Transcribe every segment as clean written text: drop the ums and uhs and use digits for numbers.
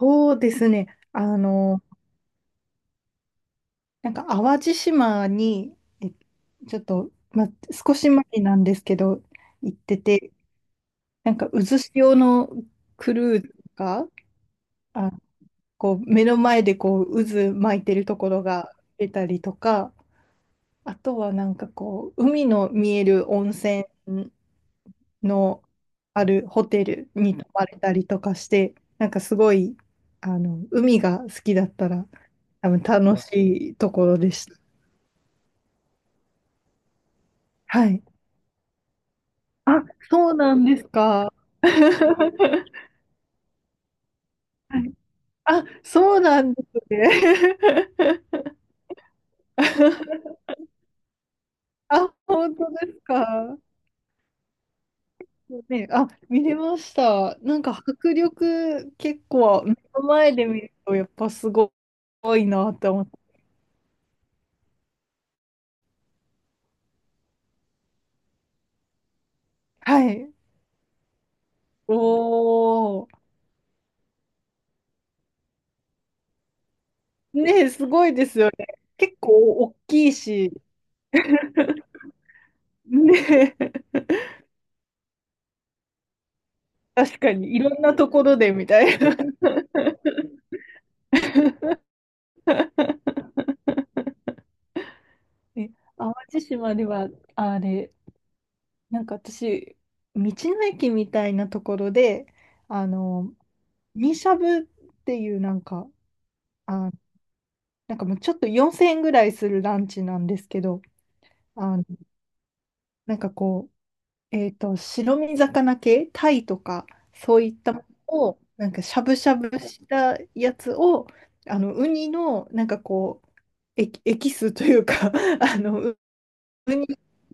そうですね。あの、なんか淡路島に、ちょっと、少し前なんですけど、行ってて、なんか渦潮のクルーズが、あ、こう目の前でこう渦巻いてるところが出たりとか、あとはなんかこう、海の見える温泉のあるホテルに泊まれたりとかして、なんかすごい、海が好きだったら、多分楽しいところでした。はい。あ、そうなんですか。はい。あ、そうなんですね。あ、本当ですか。ね、あ、見れました。なんか迫力結構目の前で見るとやっぱすごいなって思って。はい。おお。ね、すごいですよね。結構大きいし、ね、確かにいろんなところでみたいな。え、淡路島では、あれ、なんか私、道の駅みたいなところで、あの、ミしゃぶっていうなんか、あ、なんかもうちょっと4000円ぐらいするランチなんですけど、あの、なんかこう、白身魚系、タイとか、そういったものを、なんかしゃぶしゃぶしたやつを、ウニの、なんかこう、エキスというか あの、普通に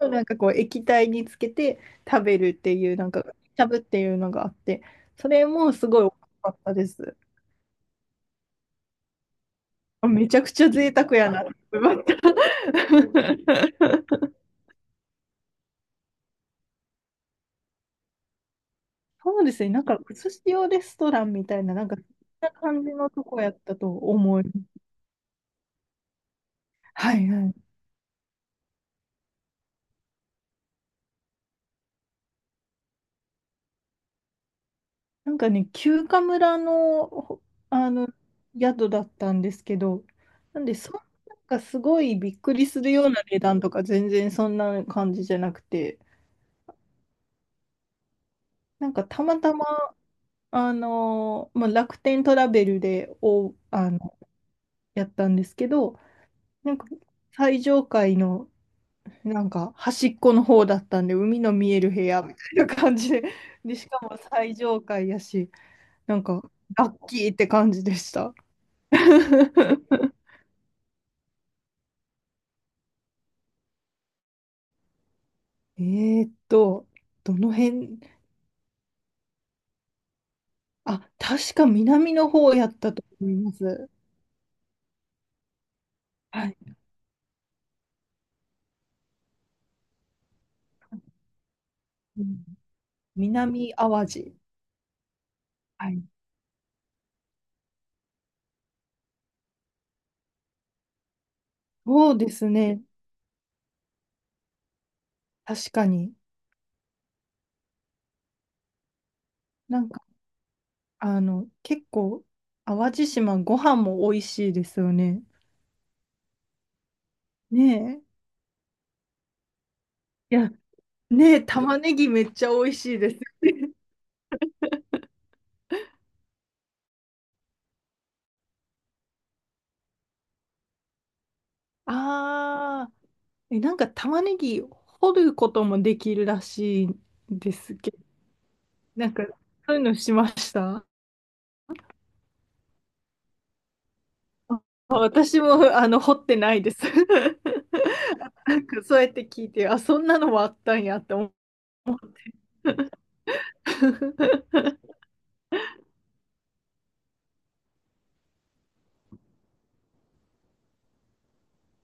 なんかこう液体につけて食べるっていうなんかしゃぶっていうのがあってそれもすごい美味しかったです。めちゃくちゃ贅沢やなって思いました。そうですね、なんか寿司用レストランみたいな、なんかそんな感じのとこやったと思います。はいはい。なんかね、休暇村の、あの宿だったんですけど、なんでそんな、なんかすごいびっくりするような値段とか全然そんな感じじゃなくて、なんかたまたま、まあ、楽天トラベルで、あの、やったんですけど、なんか最上階のなんか端っこの方だったんで、海の見える部屋みたいな感じで、で、しかも最上階やし、なんかラッキーって感じでした。えーっと、どの辺、あ、確か南の方やったと思います。はい。うん。南淡路。はい。そうですね。確かに。なんか、結構、淡路島ご飯も美味しいですよね。ねえ。いや、ねえ、玉ねぎめっちゃ美味しいです。ああ、え、なんか玉ねぎ掘ることもできるらしいんですけど、なんか、そういうのしました。あ、私も、掘ってないです。なんか、そうやって聞いて、あ、そんなのもあったんやって思う。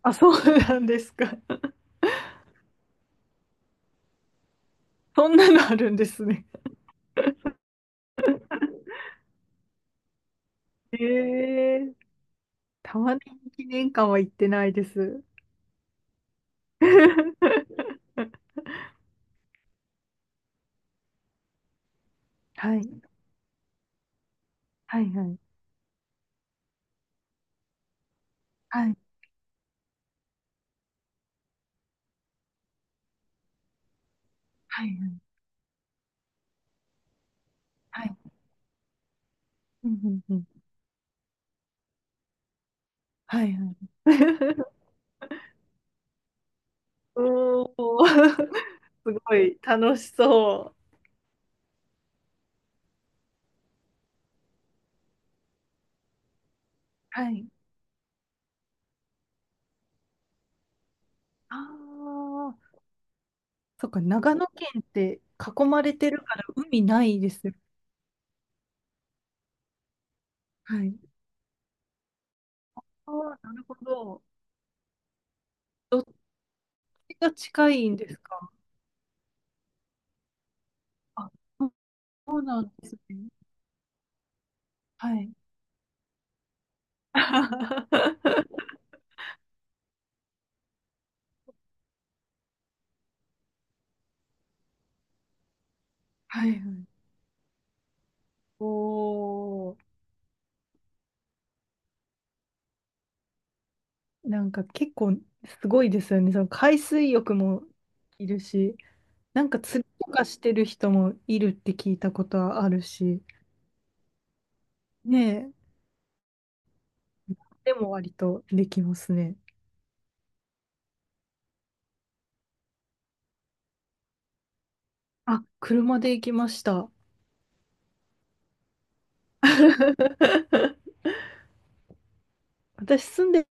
あ、そうなんですか。そんなのあるんですね。ええ。玉ねぎ記念館は行ってないです。はい、はい、はい、はい、はい、はい、うん、うん、うん、はい、はい。おお。すごい楽しそう。はい。ああ、そっか、長野県って囲まれてるから海ないですよ。はい。ああ、なるほど。どっちが近いんですか？あ、そうなんですね。はい。はいはい。おお。なんか結構すごいですよね。その海水浴もいるし、なんか釣りとかしてる人もいるって聞いたことはあるし、ねえ、でも割とできますね。あ、車で行きました。私住んで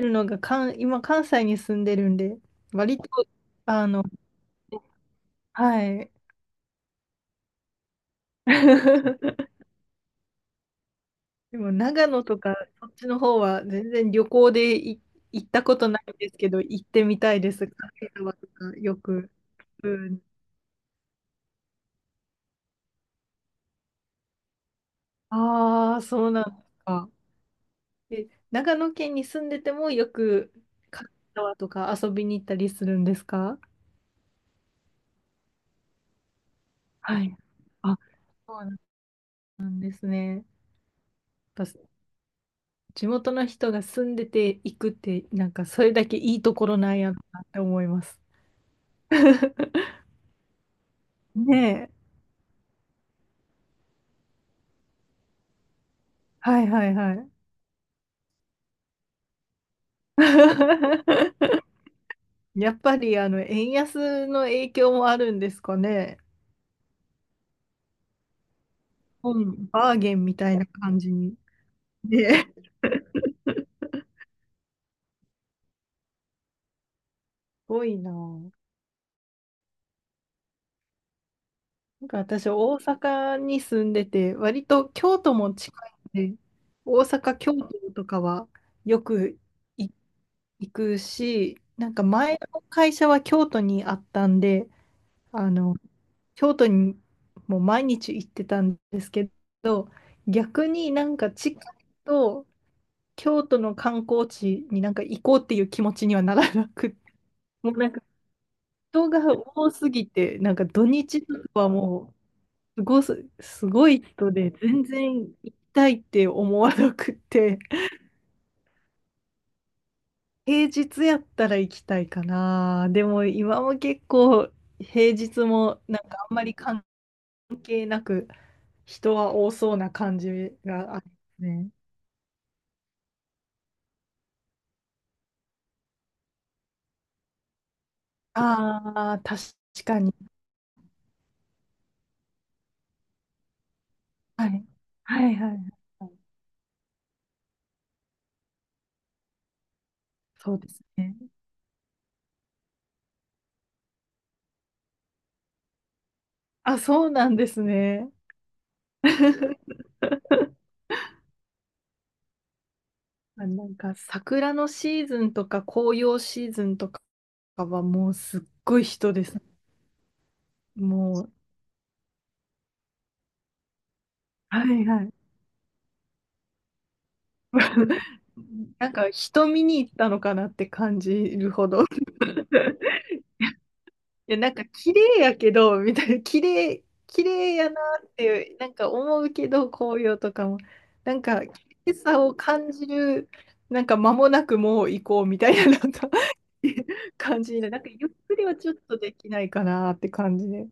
るのが関、今関西に住んでるんで、割と、あの、はい。でも長野とかそっちの方は全然旅行で行ったことないんですけど、行ってみたいです。軽井沢とかよく。うん、ああ、そうなんですか。え、長野県に住んでてもよく軽井沢とか遊びに行ったりするんですか？はい。あ、そうなんですね。やっぱ地元の人が住んでて行くって、なんかそれだけいいところなんやなって思います。ねえ。はいはいはい。やっぱりあの円安の影響もあるんですかね。本バーゲンみたいな感じに。ね、すごいな。なんか私、大阪に住んでて、割と京都も近いんで、大阪、京都とかはよくい行くし、なんか前の会社は京都にあったんで、あの、京都にもう毎日行ってたんですけど、逆になんか近いと、京都の観光地になんか行こうっていう気持ちにはならなくって、もうなんか人が多すぎて、なんか土日とかはもう、すごい人で、全然行きたいって思わなくって、平日やったら行きたいかな。でも今も結構平日もなんかあんまり関係なく人は多そうな感じがあるね。ああ、確かに。はい。はいはいはい。そうですね。あ、そうなんですね。あ、なんか桜のシーズンとか紅葉シーズンとかはもうすっごい人です。もう、はいはい。なんか人見に行ったのかなって感じるほど。いや、なんか綺麗やけど、みたいな、綺麗やなっていう、なんか思うけど、紅葉とかも、なんか綺麗さを感じる、なんか間もなくもう行こうみたいな、なんか 感じになる。なんかゆっくりはちょっとできないかなって感じで。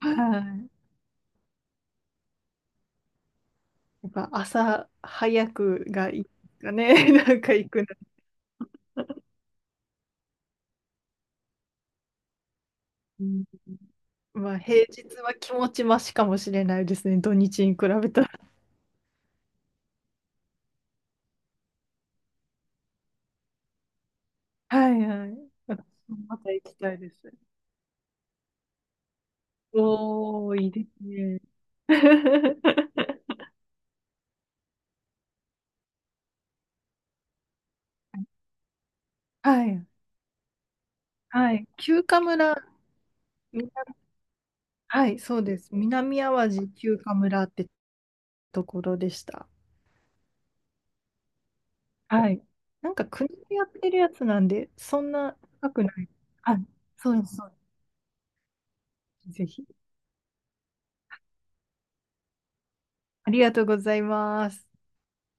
はい。やっぱ朝早くがいいかね。なんか行くの。うん、まあ平日は気持ちましかもしれないですね。土日に比べたら。はいはい。私もまた行きたいです。おー、いいですね。はい。はい。休暇村。みなはい、そうです。南あわじ休暇村ってところでした。はい。なんか国でやってるやつなんで、そんな高くない。はい。そうです、そうです。ぜひ。ありがとうございます。